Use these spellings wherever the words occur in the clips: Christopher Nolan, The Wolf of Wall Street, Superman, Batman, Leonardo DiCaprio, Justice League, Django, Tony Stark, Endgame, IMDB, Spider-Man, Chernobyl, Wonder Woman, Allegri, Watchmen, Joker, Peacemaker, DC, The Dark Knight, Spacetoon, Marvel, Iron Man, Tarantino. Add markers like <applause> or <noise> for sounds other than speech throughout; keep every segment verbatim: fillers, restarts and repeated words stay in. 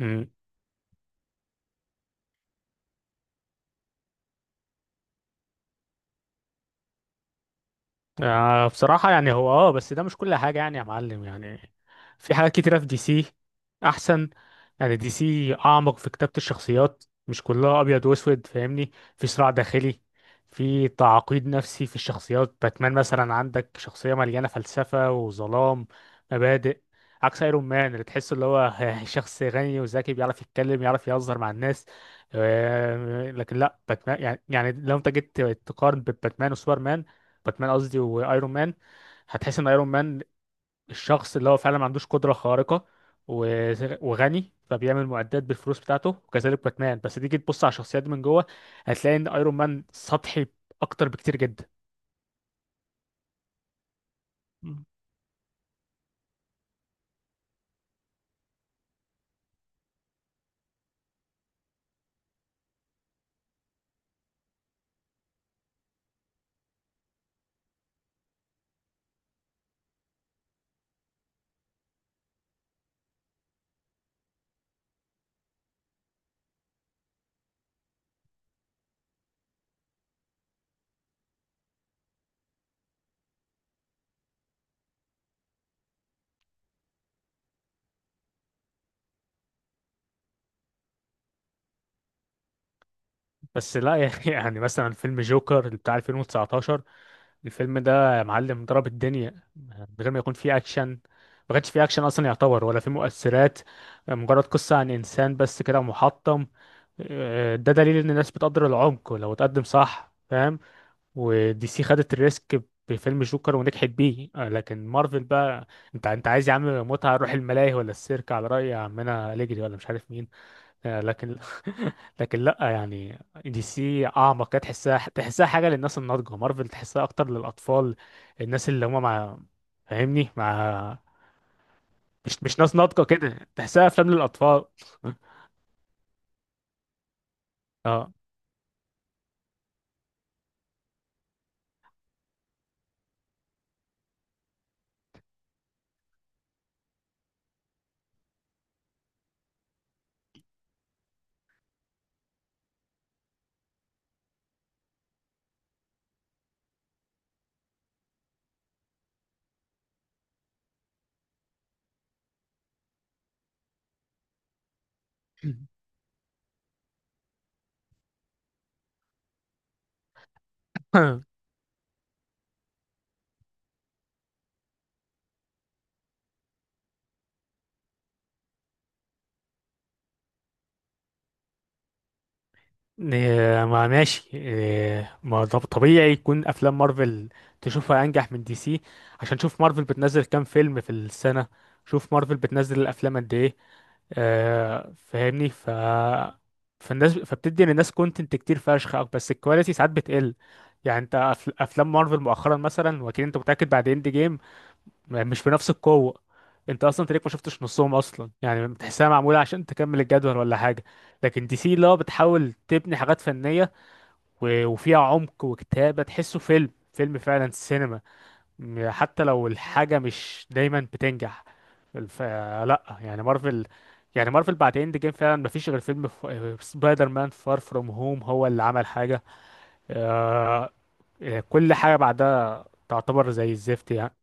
امم آه بصراحة يعني هو اه بس ده مش كل حاجة يعني يا معلم يعني في حاجات كتيرة في دي سي أحسن. يعني دي سي أعمق في كتابة الشخصيات، مش كلها أبيض وأسود، فاهمني، في صراع داخلي، في تعقيد نفسي في الشخصيات. باتمان مثلا عندك شخصية مليانة فلسفة وظلام، مبادئ، عكس ايرون مان اللي تحس اللي هو <laughs> شخص غني وذكي بيعرف يتكلم يعرف يهزر مع الناس. آه، لكن لا باتمان يعني يعني لو انت جيت تقارن بين باتمان وسوبرمان، باتمان قصدي وايرون مان، هتحس ان ايرون مان الشخص اللي هو فعلا ما عندوش قدره خارقه و- وغني فبيعمل معدات بالفلوس بتاعته، وكذلك باتمان. بس تيجي تبص على الشخصيات دي من جوه هتلاقي ان ايرون مان سطحي اكتر بكتير جدا. بس لا، <laughs> يا اخي، يعني مثلا فيلم جوكر اللي بتاع ألفين وتسعتاشر، الفيلم ده يا معلم ضرب الدنيا من غير ما يكون فيه اكشن. ما كانش فيه اكشن اصلا يعتبر، ولا فيه مؤثرات، مجرد قصة عن انسان بس كده محطم. آه، ده دليل ان الناس بتقدر العمق لو اتقدم صح، فاهم. ودي سي خدت الريسك بفيلم جوكر ونجحت بيه. آه، لكن مارفل بقى، انت انت عايز يا عم متعة روح الملاهي ولا السيرك على رأي عمنا أليجري ولا مش عارف مين. آه، لكن <laughs> لكن لا يعني دي سي اعمق كده، تحسها تحسها حاجه للناس الناضجه، مارفل تحسها اكتر للاطفال، الناس اللي هم مع، فاهمني مع مش مش ناس ناضجه كده، تحسها افلام للاطفال. اه. <clears throat> <coughs> إيه، ما ماشي، إيه، ما طب- طبيعي يكون افلام مارفل تشوفها انجح من دي سي. عشان شوف مارفل بتنزل كام فيلم في السنه، شوف مارفل بتنزل الافلام قد ايه. آه، فاهمني. ف فالناس فبتدي للناس كونتنت كتير فشخ، أو- بس الكواليتي ساعات بتقل. يعني انت أف- افلام مارفل مؤخرا مثلا، واكيد انت متاكد بعد اند جيم، م- مش بنفس القوه. انت اصلا تلاقيك ما شفتش نصهم اصلا، يعني بتحسها معموله عشان تكمل الجدول ولا حاجه. لكن دي سي لا، بتحاول تبني حاجات فنيه، و- وفيها عمق وكتابه، تحسه فيلم فيلم فعلا سينما، م- حتى لو الحاجة مش دايما بتنجح. الف... لا يعني مارفل، يعني مارفل بعد اند جيم فعلا مفيش غير فيلم ف... سبايدر مان فار فروم هوم هو اللي عمل حاجة. آه... كل حاجة بعدها تعتبر زي الزفت يعني.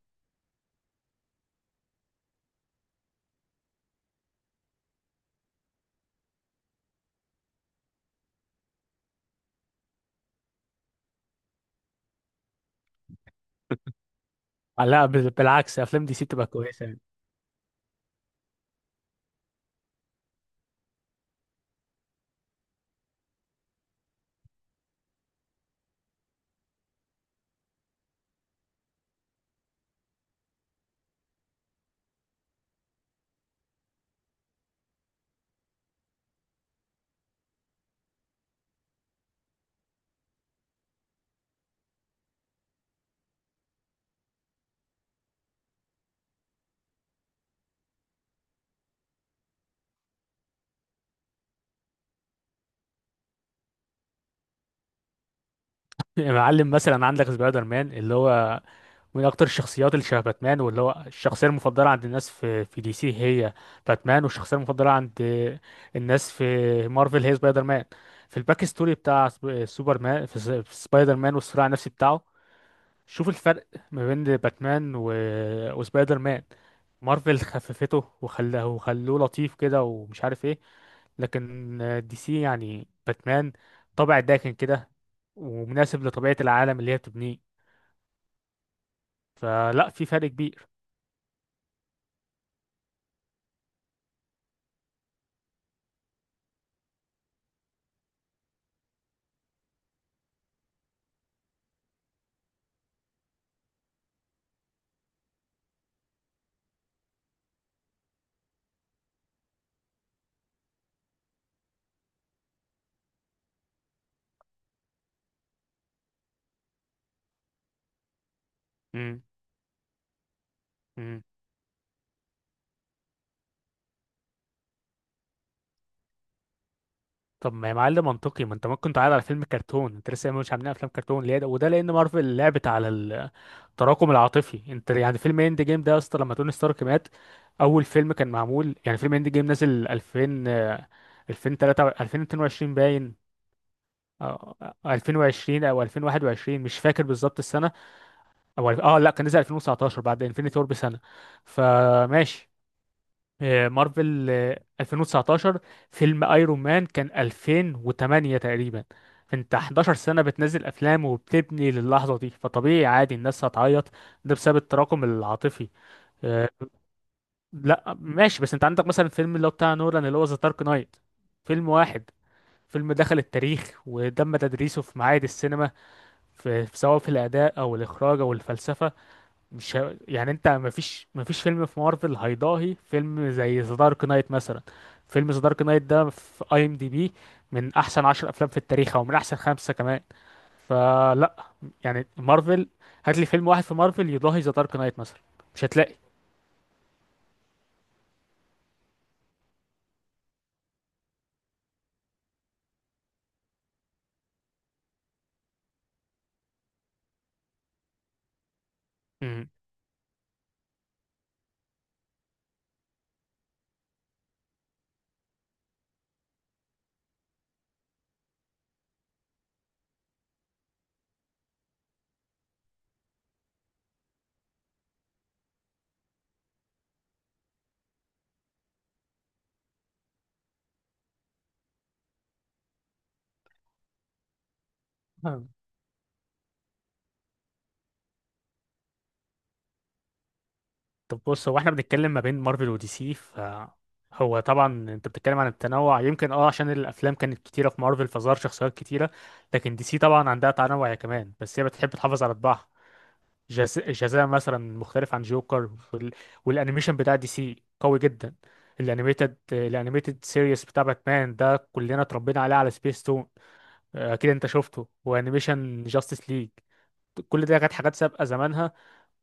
لا بال- بالعكس، افلام دي سي بتبقى كويسة يعني. <laughs> يا معلم، مثلا عندك سبايدر مان اللي هو من اكتر الشخصيات اللي شبه باتمان، واللي هو الشخصيه المفضله عند الناس في في دي سي هي باتمان، والشخصيه المفضله عند الناس في مارفل هي سبايدر مان. في الباك ستوري بتاع سب- سوبرمان، في س- في سبايدر مان والصراع النفسي بتاعه، شوف الفرق ما بين باتمان و... وسبايدر مان. مارفل خففته وخلاه وخلوه لطيف كده ومش عارف ايه، لكن دي سي يعني باتمان طابع داكن كده، ومناسب لطبيعه العالم اللي هي بتبنيه. فلا، في فرق كبير. مم. طب ما يا معلم منطقي، ما انت ممكن تعرض على فيلم كرتون، انت لسه مش عاملين افلام كرتون ليه ده؟ وده لان مارفل لعبت على التراكم العاطفي. انت يعني فيلم اند جيم ده يا اسطى لما توني ستارك مات، اول فيلم كان معمول، يعني فيلم اند جيم نازل ألفين، آه، ألفين وتلاتة ألفين واتنين وعشرين باين، آه، آه، ألفين وعشرين او ألفين وواحد وعشرين، مش فاكر بالظبط السنه، او اه لا كان نزل ألفين وتسعتاشر بعد انفينيتي وور بسنه. فماشي. آه، مارفل آه، ألفين وتسعتاشر، فيلم ايرون مان كان ألفين وتمانية تقريبا. انت أحد عشر سنة بتنزل افلام وبتبني للحظة دي، فطبيعي عادي الناس هتعيط، ده بسبب التراكم العاطفي. آه، لا ماشي. بس انت عندك مثلا فيلم اللي هو بتاع نولان اللي هو ذا دارك نايت، فيلم واحد، فيلم دخل التاريخ وتم تدريسه في معاهد السينما، في في سواء في الأداء أو الإخراج أو الفلسفة. مش ه... يعني انت مفيش مفيش فيلم في مارفل هيضاهي فيلم زي ذا دارك نايت مثلا. فيلم ذا دارك نايت ده في اي ام دي بي من احسن عشر افلام في التاريخ، او من احسن خمسة كمان. فلا، يعني مارفل، هات لي فيلم واحد في مارفل يضاهي ذا دارك نايت مثلا، مش هتلاقي. امم. نعم. طب بص، هو احنا بنتكلم ما بين مارفل ودي سي، ف هو طبعا انت بتتكلم عن التنوع، يمكن اه عشان الافلام كانت كتيره في مارفل فظهر شخصيات كتيره، لكن دي سي طبعا عندها تنوع يا كمان، بس هي بتحب تحافظ على طباعها. جاز- جزاء مثلا مختلف عن جوكر، وال... والانيميشن بتاع دي سي قوي جدا. الانيميتد الانيميتد سيريس بتاع باتمان ده كلنا اتربينا عليه على سبيس تون، اكيد انت شفته، وانيميشن جاستس ليج، كل ده كانت حاجات سابقه زمانها.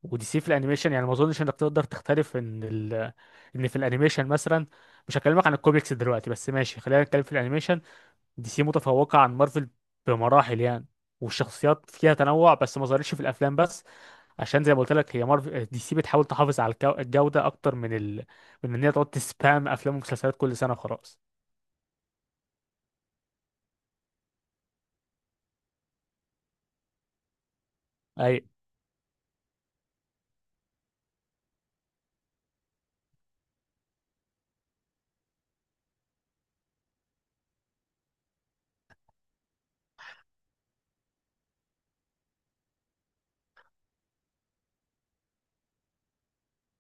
ودي سي في الانيميشن يعني ما اظنش انك تقدر تختلف ان ال... ان في الانيميشن مثلا، مش هكلمك عن الكوميكس دلوقتي، بس ماشي خلينا نتكلم في الانيميشن، دي سي متفوقه عن مارفل بمراحل يعني. والشخصيات فيها تنوع بس ما ظهرتش في الافلام بس، عشان زي ما قلت لك، هي مارف دي سي بتحاول تحافظ على الجو- الجودة اكتر من ال... من ان هي تقعد تسبام افلام ومسلسلات كل سنة وخلاص. اي.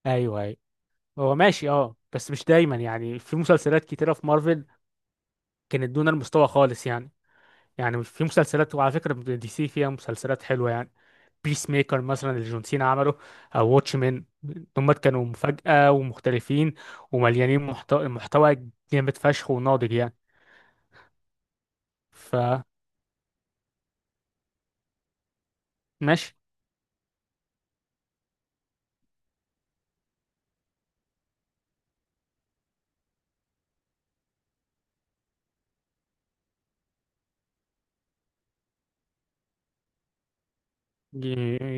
ايوه ايوه. هو ماشي اه، بس مش دايما يعني. في مسلسلات كتيرة في مارفل كانت دون المستوى خالص يعني. يعني في مسلسلات، وعلى فكرة دي سي فيها مسلسلات حلوة يعني، بيس ميكر مثلا اللي جون سينا عمله، او واتش مان، دول كانوا مفاجأة ومختلفين ومليانين محتوى محتوى جامد فشخ وناضج يعني. فماشي.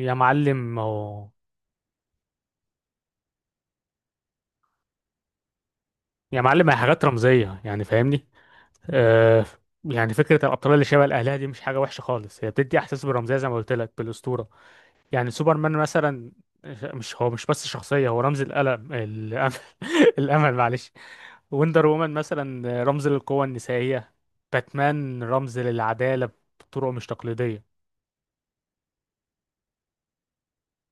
يا معلم اهو، يا معلم هي حاجات رمزية يعني فاهمني. آه، يعني فكرة الأبطال اللي شبه الأهلية دي مش حاجة وحشة خالص، هي بتدي إحساس بالرمزية زي ما قلت لك بالأسطورة. يعني سوبرمان مثلا، مش هو مش بس شخصية، هو رمز الألم الأمل، <laughs> الأمل معلش. وندر وومن مثلا رمز للقوة النسائية، باتمان رمز للعدالة بطرق مش تقليدية.